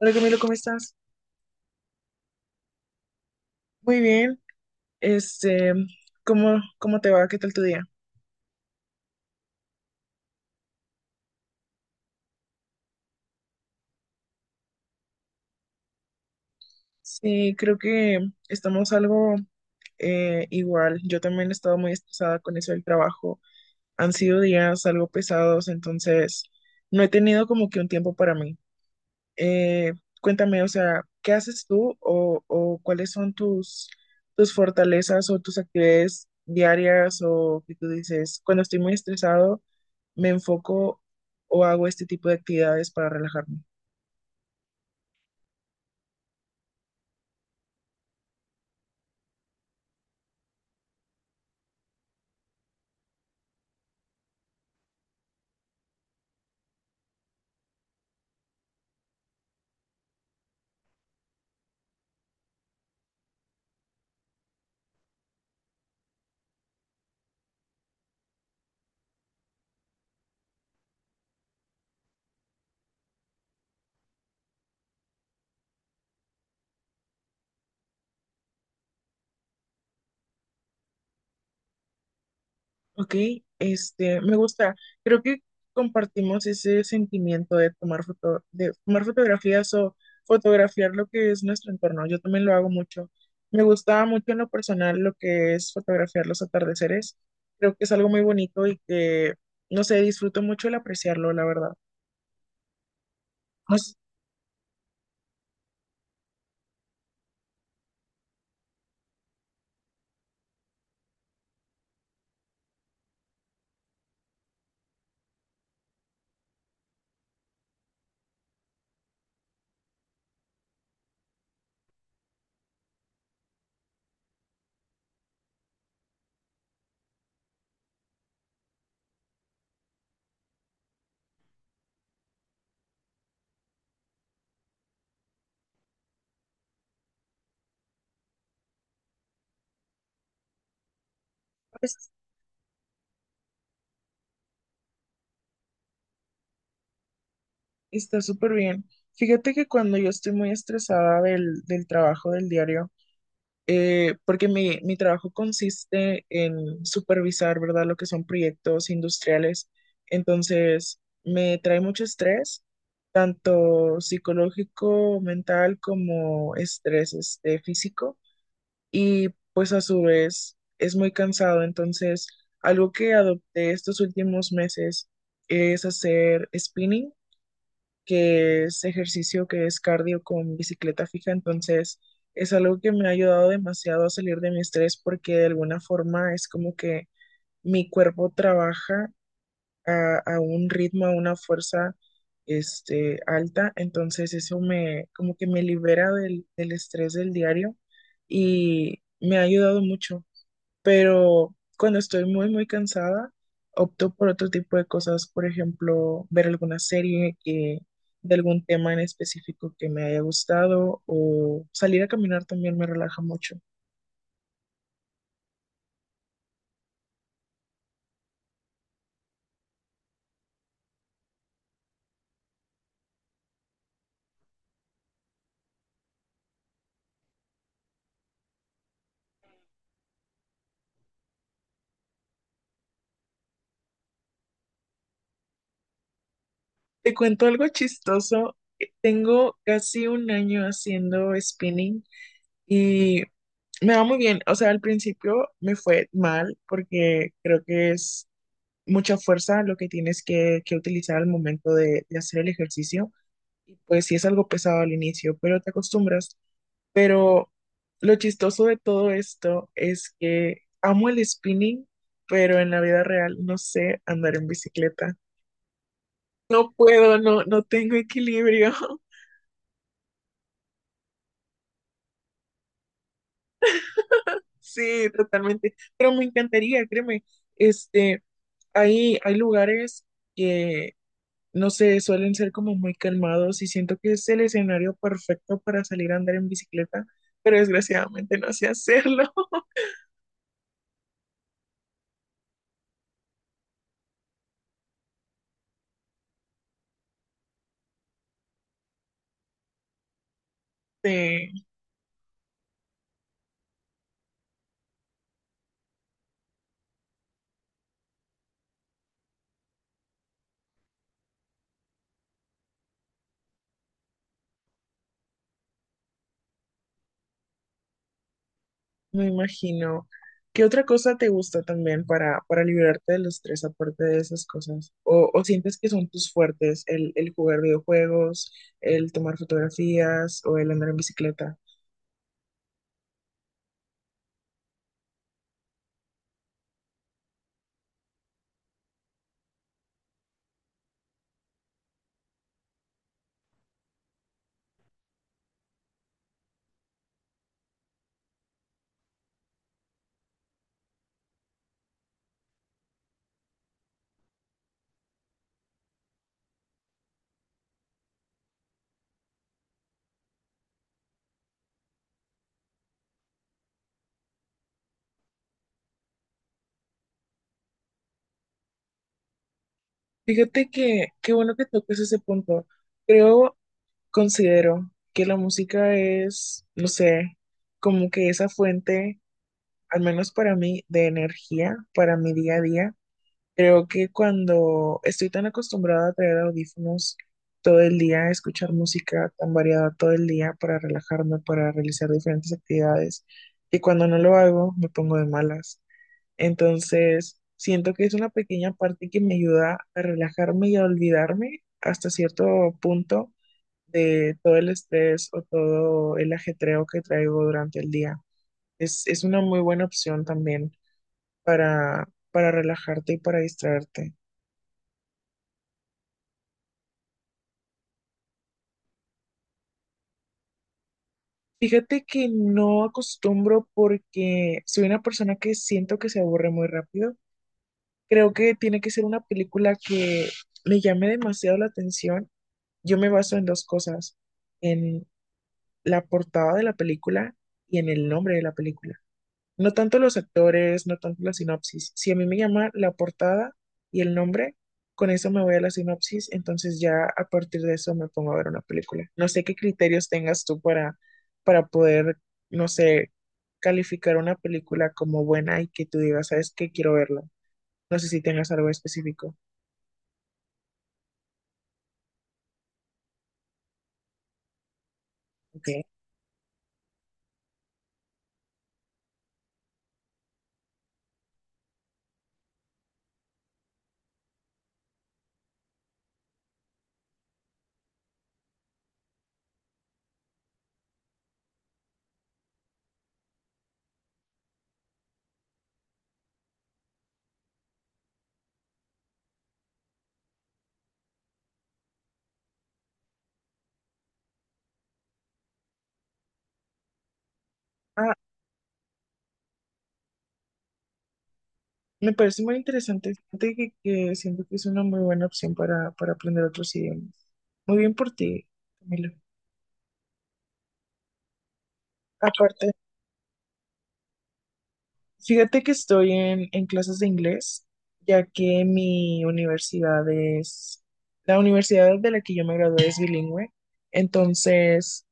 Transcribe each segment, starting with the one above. Hola Camilo, ¿cómo estás? Muy bien. Este, ¿cómo te va? ¿Qué tal tu día? Sí, creo que estamos algo igual. Yo también he estado muy estresada con eso del trabajo. Han sido días algo pesados, entonces no he tenido como que un tiempo para mí. Eh, cuéntame, o sea, ¿qué haces tú o cuáles son tus fortalezas o tus actividades diarias o que tú dices, ¿cuando estoy muy estresado me enfoco o hago este tipo de actividades para relajarme? Ok, me gusta. Creo que compartimos ese sentimiento de tomar foto, de tomar fotografías o fotografiar lo que es nuestro entorno. Yo también lo hago mucho. Me gusta mucho en lo personal lo que es fotografiar los atardeceres. Creo que es algo muy bonito y que, no sé, disfruto mucho el apreciarlo, la verdad. No sé, pues, está súper bien. Fíjate que cuando yo estoy muy estresada del trabajo del diario, porque mi trabajo consiste en supervisar, ¿verdad? Lo que son proyectos industriales. Entonces, me trae mucho estrés, tanto psicológico, mental, como estrés, físico. Y pues a su vez es muy cansado. Entonces, algo que adopté estos últimos meses es hacer spinning, que es ejercicio, que es cardio con bicicleta fija, entonces es algo que me ha ayudado demasiado a salir de mi estrés porque de alguna forma es como que mi cuerpo trabaja a un ritmo, a una fuerza alta, entonces eso me como que me libera del estrés del diario y me ha ayudado mucho, pero cuando estoy muy cansada, opto por otro tipo de cosas, por ejemplo, ver alguna serie que, de algún tema en específico que me haya gustado, o salir a caminar también me relaja mucho. Te cuento algo chistoso. Tengo casi un año haciendo spinning y me va muy bien. O sea, al principio me fue mal porque creo que es mucha fuerza lo que tienes que utilizar al momento de hacer el ejercicio, y pues sí es algo pesado al inicio, pero te acostumbras. Pero lo chistoso de todo esto es que amo el spinning, pero en la vida real no sé andar en bicicleta. No puedo, no, no tengo equilibrio. Sí, totalmente. Pero me encantaría, créeme. Este, hay lugares que, no sé, suelen ser como muy calmados y siento que es el escenario perfecto para salir a andar en bicicleta, pero desgraciadamente no sé hacerlo. Sí. Me imagino. ¿Qué otra cosa te gusta también para liberarte del estrés aparte de esas cosas? O sientes que son tus fuertes el jugar videojuegos, el tomar fotografías o el andar en bicicleta? Fíjate que qué bueno que toques ese punto. Creo, considero que la música es, no sé, como que esa fuente, al menos para mí, de energía para mi día a día. Creo que cuando estoy tan acostumbrada a traer audífonos todo el día, a escuchar música tan variada todo el día para relajarme, para realizar diferentes actividades, que cuando no lo hago me pongo de malas. Entonces, siento que es una pequeña parte que me ayuda a relajarme y a olvidarme hasta cierto punto de todo el estrés o todo el ajetreo que traigo durante el día. Es una muy buena opción también para relajarte y para distraerte. Fíjate que no acostumbro porque soy una persona que siento que se aburre muy rápido. Creo que tiene que ser una película que me llame demasiado la atención. Yo me baso en dos cosas, en la portada de la película y en el nombre de la película. No tanto los actores, no tanto la sinopsis. Si a mí me llama la portada y el nombre, con eso me voy a la sinopsis, entonces ya a partir de eso me pongo a ver una película. No sé qué criterios tengas tú para poder, no sé, calificar una película como buena y que tú digas, ¿sabes qué? Quiero verla. No sé si tengas algo específico. Ok. Ah, me parece muy interesante. Fíjate que siento que es una muy buena opción para aprender otros idiomas. Muy bien por ti, Camilo. Aparte, fíjate que estoy en clases de inglés, ya que mi universidad es, la universidad de la que yo me gradué es bilingüe. Entonces,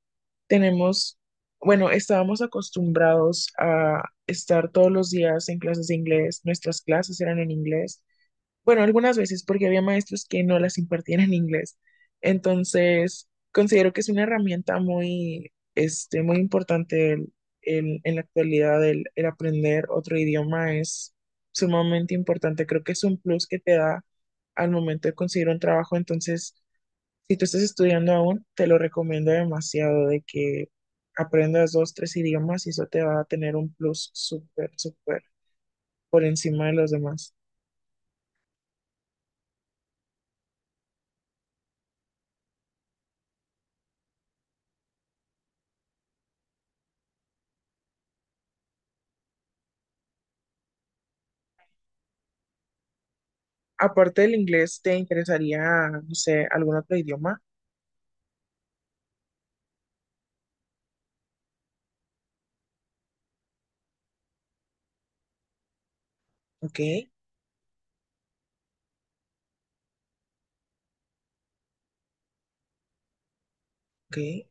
tenemos, bueno, estábamos acostumbrados a estar todos los días en clases de inglés. Nuestras clases eran en inglés. Bueno, algunas veces porque había maestros que no las impartían en inglés. Entonces, considero que es una herramienta muy, muy importante en la actualidad. El aprender otro idioma es sumamente importante. Creo que es un plus que te da al momento de conseguir un trabajo. Entonces, si tú estás estudiando aún, te lo recomiendo demasiado de que aprendas dos, tres idiomas y eso te va a tener un plus súper por encima de los demás. Aparte del inglés, ¿te interesaría, no sé, algún otro idioma? Ok, ok.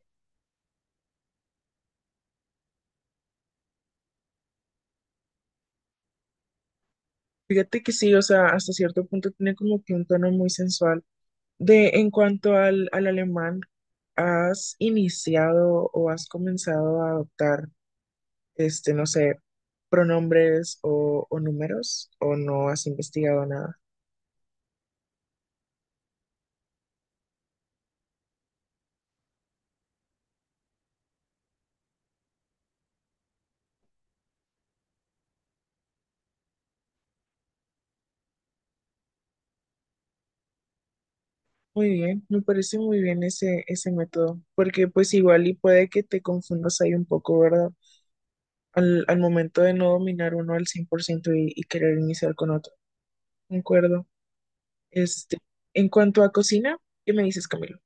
Fíjate que sí, o sea, hasta cierto punto tiene como que un tono muy sensual. De, en cuanto al alemán, ¿has iniciado o has comenzado a adoptar, no sé, pronombres o números o no has investigado nada? Muy bien, me parece muy bien ese método, porque pues igual y puede que te confundas ahí un poco, ¿verdad? Al momento de no dominar uno al 100% y querer iniciar con otro. De acuerdo. Este, en cuanto a cocina, ¿qué me dices, Camilo?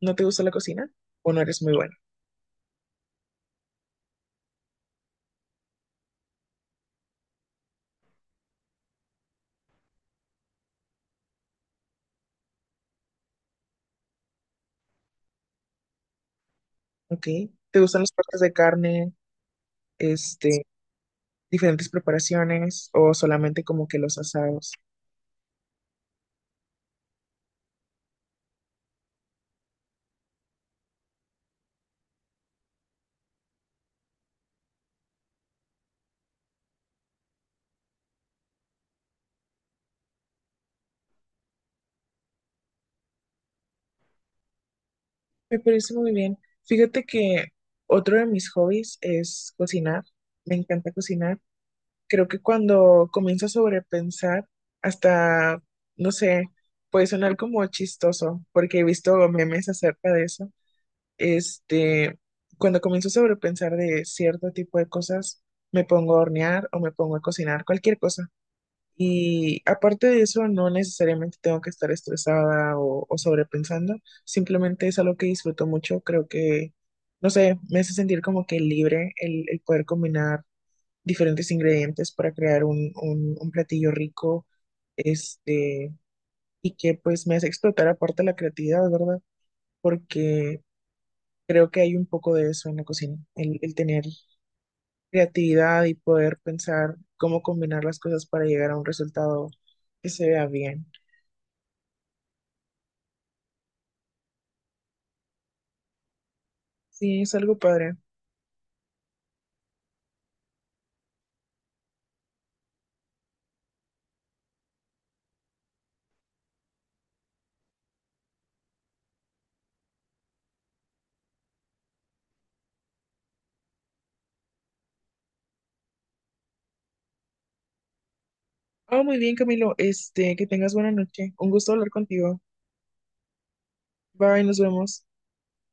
¿No te gusta la cocina o no eres muy bueno? Ok. ¿Te gustan los cortes de carne, este, diferentes preparaciones o solamente como que los asados? Me parece muy bien. Fíjate que otro de mis hobbies es cocinar. Me encanta cocinar. Creo que cuando comienzo a sobrepensar, hasta, no sé, puede sonar como chistoso, porque he visto memes acerca de eso. Este, cuando comienzo a sobrepensar de cierto tipo de cosas, me pongo a hornear o me pongo a cocinar, cualquier cosa. Y aparte de eso, no necesariamente tengo que estar estresada o sobrepensando, simplemente es algo que disfruto mucho. Creo que, no sé, me hace sentir como que libre el poder combinar diferentes ingredientes para crear un platillo rico, este, y que pues me hace explotar aparte la creatividad, ¿verdad? Porque creo que hay un poco de eso en la cocina, el tener creatividad y poder pensar cómo combinar las cosas para llegar a un resultado que se vea bien. Sí, es algo padre. Ah, muy bien, Camilo. Este, que tengas buena noche. Un gusto hablar contigo. Bye, nos vemos.